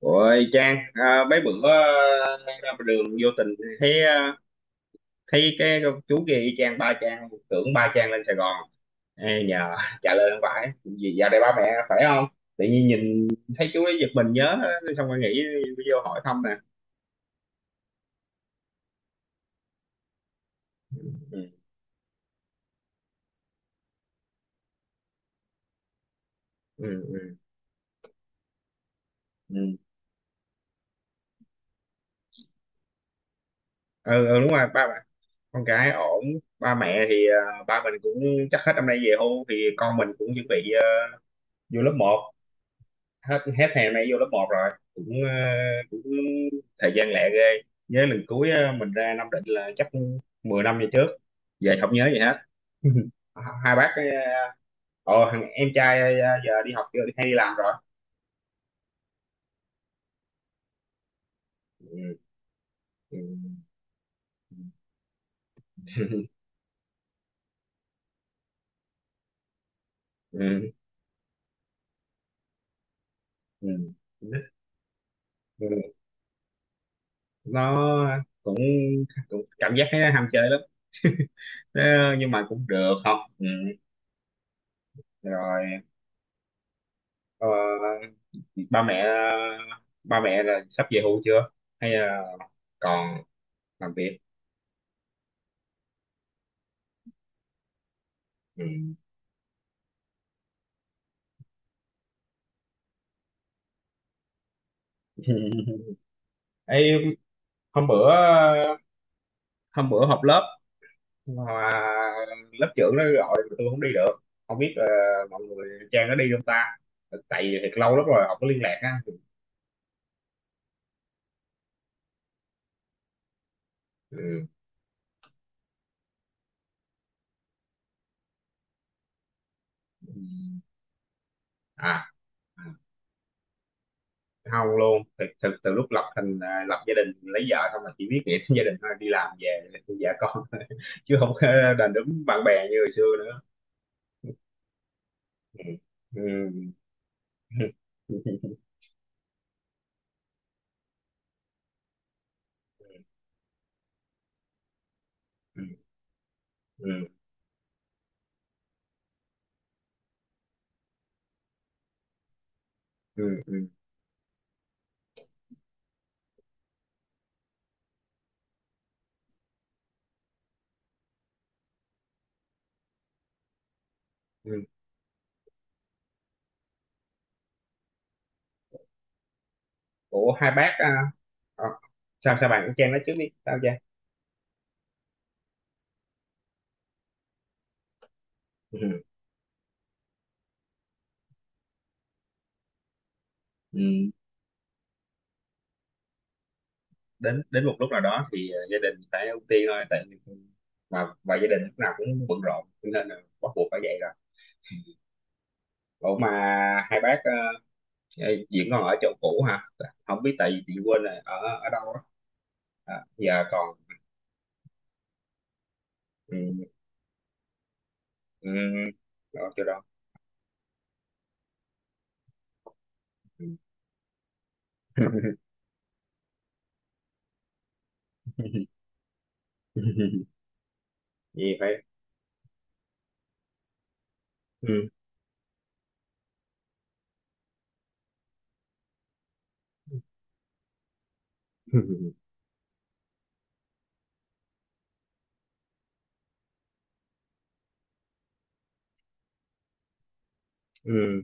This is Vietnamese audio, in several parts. Ôi Trang, à, mấy bữa đang ra đường vô tình thấy ờ, thấy cái chú kia y chang ba Trang, tưởng ba Trang lên Sài Gòn. Ê, nhờ trả lời không phải, vì vào đây ba mẹ phải không? Tự nhiên nhìn thấy chú ấy giật mình nhớ xong rồi nghĩ vô hỏi thăm nè. Ừ, ừ, ừ, ừ. Ừ, ừ, đúng rồi, ba mẹ con cái ổn, ba mẹ thì ba mình cũng chắc hết năm nay về hưu thì con mình cũng chuẩn bị vô lớp một. Hết hết hè nay vô lớp một rồi cũng ờ, cũng thời gian lẹ ghê. Nhớ lần cuối mình ra Nam Định là chắc 10 năm về trước, về không nhớ gì hết. Hai bác ồ thằng em trai giờ đi học chưa hay đi làm rồi? Ừ. Ừ. Ừ. Ừ. Ừ. Nó cũng cảm giác nó ham chơi lắm. Ờ, nhưng mà cũng được không ừ. Rồi ờ, ba mẹ ba mẹ là sắp về hưu chưa hay là còn làm việc? Ừ. Ê, hôm bữa hôm bữa họp lớp mà lớp trưởng nó gọi mà tôi không đi được, không biết mọi người Trang nó đi không ta, tại vì thiệt lâu lắm rồi không có liên lạc á. Ừ. À, à, không luôn, thực thực từ lúc lập gia đình lấy vợ xong là chỉ biết nghĩ đến gia đình thôi, đi làm về vợ con chứ không có đàn đúm bạn bè như hồi xưa nữa. Ừ. Ừ. Ừ. Ừ. Ừ. Ừ. Ừ. Ừ. Ủa, hai bác à, Ờ, sao sao bạn, cũng Trang nói trước đi, sao Trang? Ừ. Ừ. Đến đến một lúc nào đó thì gia đình phải ưu tiên thôi, tại vì mà và gia đình lúc nào cũng bận rộn cho nên là bắt buộc phải vậy rồi. Ủa mà hai bác diễn còn ở chỗ cũ hả? Không biết tại vì chị quên là ở ở đâu á. À, giờ còn ừ, ừ, ở chỗ đó. Ừ. Gì phải ừ. Ừ.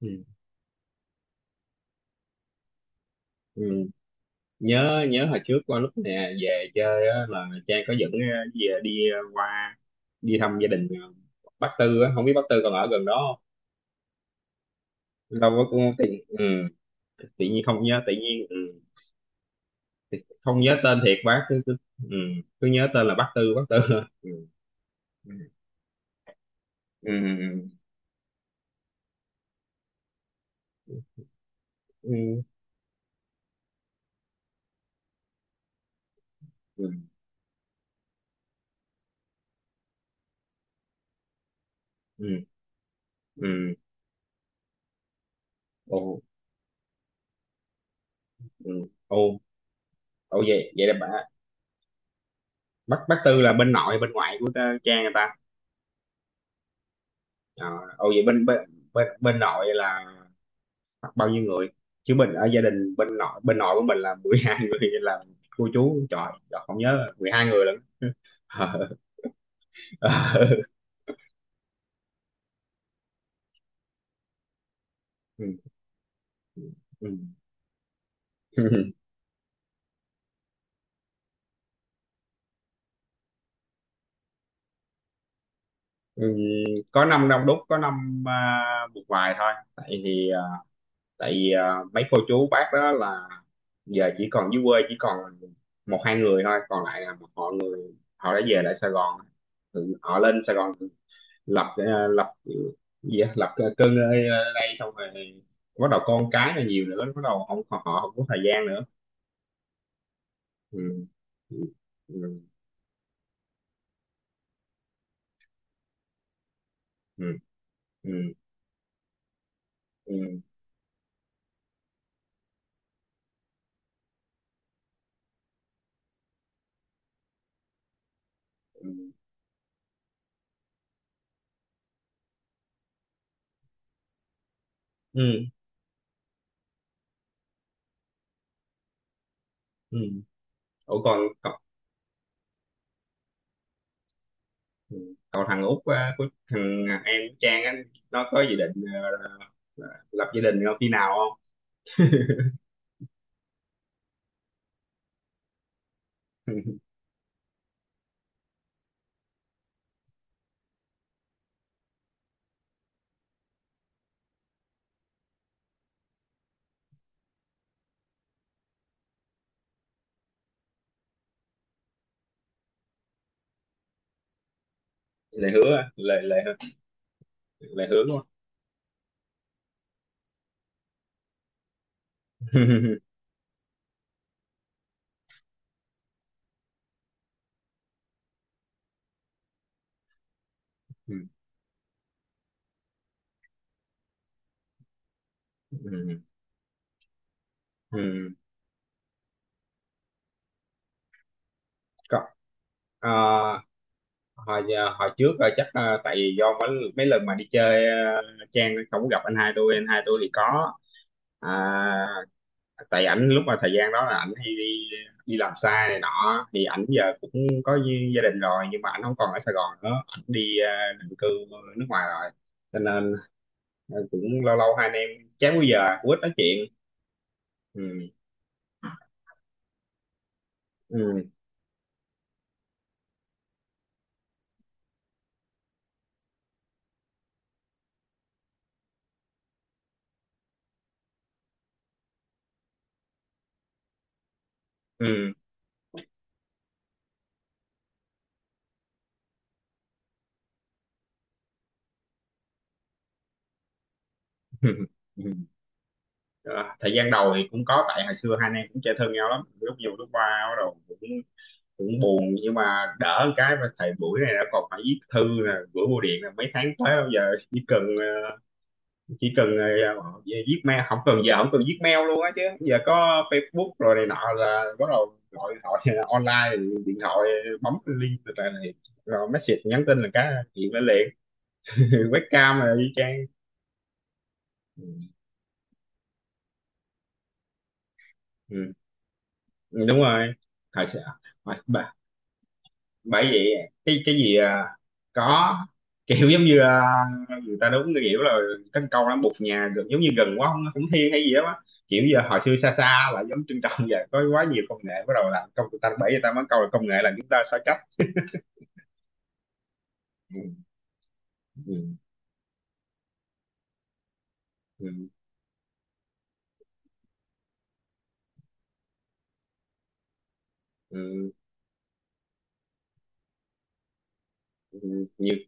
Ừ. Ừ. nhớ nhớ hồi trước, qua lúc nè về chơi á, là Trang có dẫn về đi qua đi thăm gia đình bác Tư á, không biết bác Tư còn ở gần đó không. Đâu có, cũng tự, ừ, tự nhiên không nhớ, tự nhiên ừ, không nhớ tên thiệt, bác cứ cứ, ừ, cứ nhớ tên là bác Tư, bác Tư. Ừ, ừ, ừ, ừ, ừ, ừ, ừ. Ừ, ừ. Ồ ừ, ồ, ồ vậy vậy là bà bác Tư là bên nội, bên ngoại của Trang người ta? Ờ, ồ vậy bên bên bên bên nội là hoặc bao nhiêu người? Chứ mình ở gia đình bên nội của mình là 12 người nên là cô chú, trời, trời không nhớ 12 người lận. Ờ, Ờ. Ừ, ừ. Ừ, Ừ. Có năm đông đúc, có năm à, một vài thôi, tại vì à, mấy cô chú bác đó là giờ chỉ còn dưới quê, chỉ còn một hai người thôi, còn lại là một họ người họ đã về lại Sài Gòn. Họ lên Sài Gòn lập gì á? Lập cơn ở đây xong rồi bắt đầu con cái là nhiều nữa, bắt đầu không họ không có thời gian nữa. Ừ. Ừ. Ừ. Ừ. Ừ. Ừ. Ừ. Ừ. Ừ. Ủa còn cậu, ừ, cậu thằng út á, của thằng em Trang á, nó có dự định lập gia đình không, khi nào không? Lời hứa á, lời lời lời hứa đúng không? Ừ. Ừ. Ừ. Cậu- ờ, hồi trước rồi chắc tại vì do mấy lần mà đi chơi Trang không có gặp anh hai tôi thì có à, tại ảnh lúc mà thời gian đó là ảnh hay đi đi làm xa này nọ thì ảnh giờ cũng có gia đình rồi, nhưng mà ảnh không còn ở Sài Gòn nữa, ảnh đi định cư nước ngoài rồi, cho nên cũng lâu lâu hai anh em chán, bây giờ cũng ít nói chuyện. Ừ. Ừ. Ừ. Ừ. Ờ, thời gian đầu thì cũng có, tại hồi xưa hai anh em cũng chơi thân nhau lắm, lúc nhiều lúc qua bắt đầu cũng cũng buồn, nhưng mà đỡ một cái, mà thầy buổi này đã còn phải viết thư nè, gửi bưu điện là mấy tháng tới, bây giờ chỉ cần viết mail, không cần, giờ không cần viết mail luôn á, chứ giờ có Facebook rồi này nọ là bắt đầu gọi gọi online, điện thoại, bấm link từ này này. Rồi message nhắn tin là cái chuyện lên liền. Webcam rồi y chang. Ừ. Ừ, đúng rồi thời sự- Mà- bởi vậy cái gì à, có kiểu giống như à, người ta đúng cái kiểu là cái câu nó bụt nhà gần, giống như gần quá không cũng thiên hay gì đó á. Kiểu giờ hồi xưa xa xa là giống trân trọng vậy, có quá nhiều công nghệ bắt đầu làm công, người ta bảy người ta mới câu là công nghệ là chúng ta sao chấp. Ừ, ừ, ừ, ừ, ừ, nhiều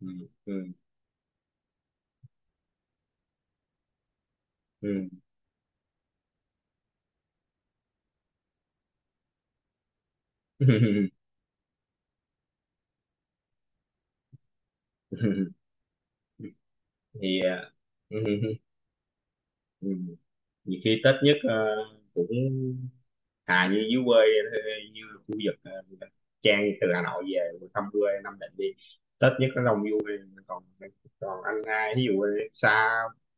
ừ, ừ, ừ. Thì à, nhiều khi Tết nhất à, cũng à như dưới quê, như khu vực Trang từ Hà Nội về thăm quê Nam Định, đi Tết nhất nó đông vui, còn còn anh hai ví dụ xa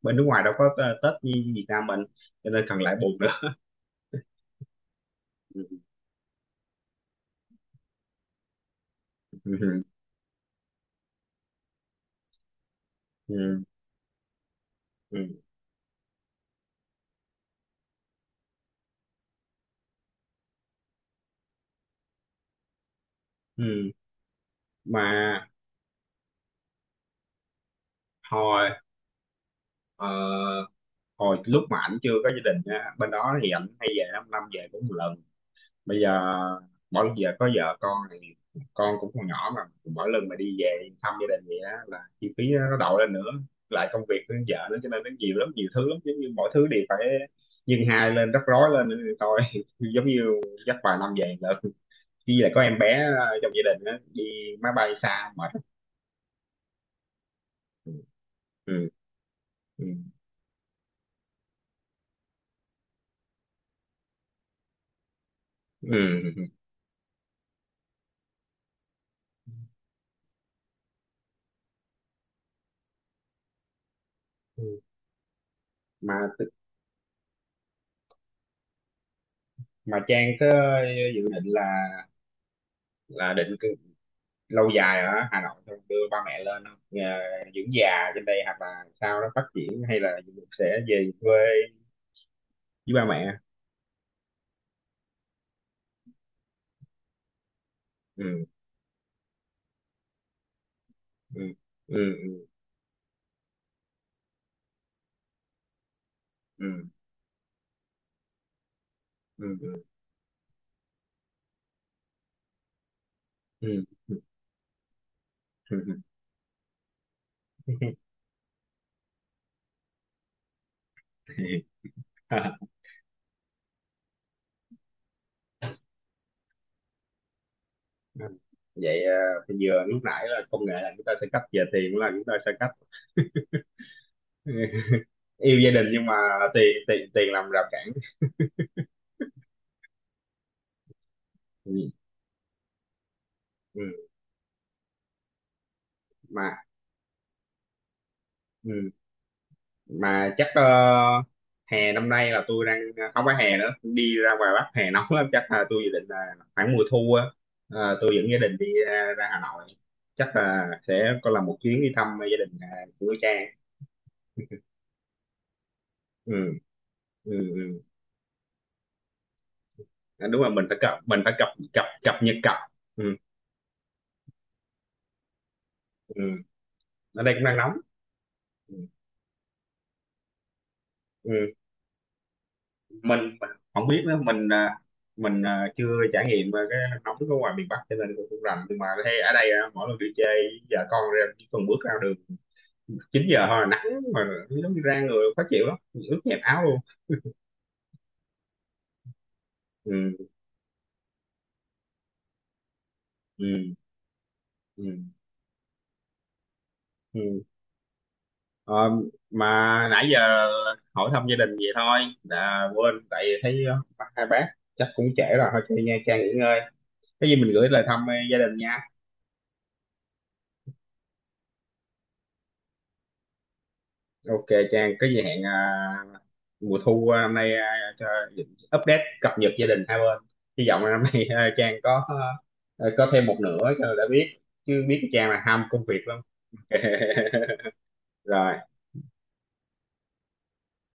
bên nước ngoài đâu có Tết như Việt Nam mình, cho nên cần lại buồn nữa. Ừ. Ừ. Ừ. Ừ. Ừ. Mà hồi ờ, hồi lúc mà ảnh chưa có gia đình á, bên đó thì ảnh hay về, 5 năm về cũng một lần. Bây giờ mỗi giờ có vợ con thì con cũng còn nhỏ, mà mỗi lần mà đi về thăm gia đình vậy á là chi phí nó đậu lên nữa, lại công việc với vợ nữa, cho nên nó nhiều lắm, nhiều thứ lắm, giống như mỗi thứ đều phải nhân hai lên, rắc rối lên nữa thì thôi. Giống như dắt vài năm về là khi lại có em bé trong gia đình á, đi máy bay xa mệt. Ừ. Ừ. Ừ. Ừ. mà mà Trang có dự định là định lâu dài ở Hà Nội xong đưa ba mẹ lên không? Nhà dưỡng già trên đây hoặc là sao nó phát triển, hay là sẽ về quê với ba mẹ? Ừ, ừ, ừ, ừ, ừ, ừ, ừ, ừ. Vậy thì vừa lúc nãy là công nghệ là chúng ta sẽ cấp, về tiền cũng là chúng ta sẽ cấp. Yêu gia đình nhưng mà tiền, tiền tiền làm rào cản. Ừ. Ừ. Mà ừ. Mà chắc hè năm nay là tôi đang không phải hè nữa, đi ra ngoài Bắc hè nóng lắm, chắc là tôi dự định là khoảng mùa thu á, tôi dẫn gia đình đi ra Hà Nội, chắc là sẽ có làm một chuyến đi thăm gia đình à, của cha. Ừ, ừ, ừ. À, đúng rồi, mình phải cập cập cập nhật ừ, ừ. Ở đây cũng đang nóng. Ừ. Ừ. mình không biết nữa, mình chưa trải nghiệm à, cái nóng ở ngoài miền Bắc cho nên cũng không rành, nhưng mà thấy ở đây à, mỗi lần đi chơi vợ con ra chỉ cần bước ra đường 9 giờ thôi là nắng, mà giống như ra người khó chịu lắm, ướt nhẹp áo luôn. Ừ, ừ, ừ, ừ. Ờ, mà nãy giờ hỏi thăm gia đình vậy thôi, đã quên tại vì thấy hai bác chắc cũng trễ rồi, thôi chơi nha Trang, nghỉ ngơi. Cái gì mình gửi lời thăm gia đình nha. Ok Trang, cái gì hẹn mùa thu năm nay cho update, cập nhật gia đình hai bên, hy vọng là năm nay Trang có thêm một nửa cho đã biết, chứ biết Trang là ham công việc lắm. Rồi.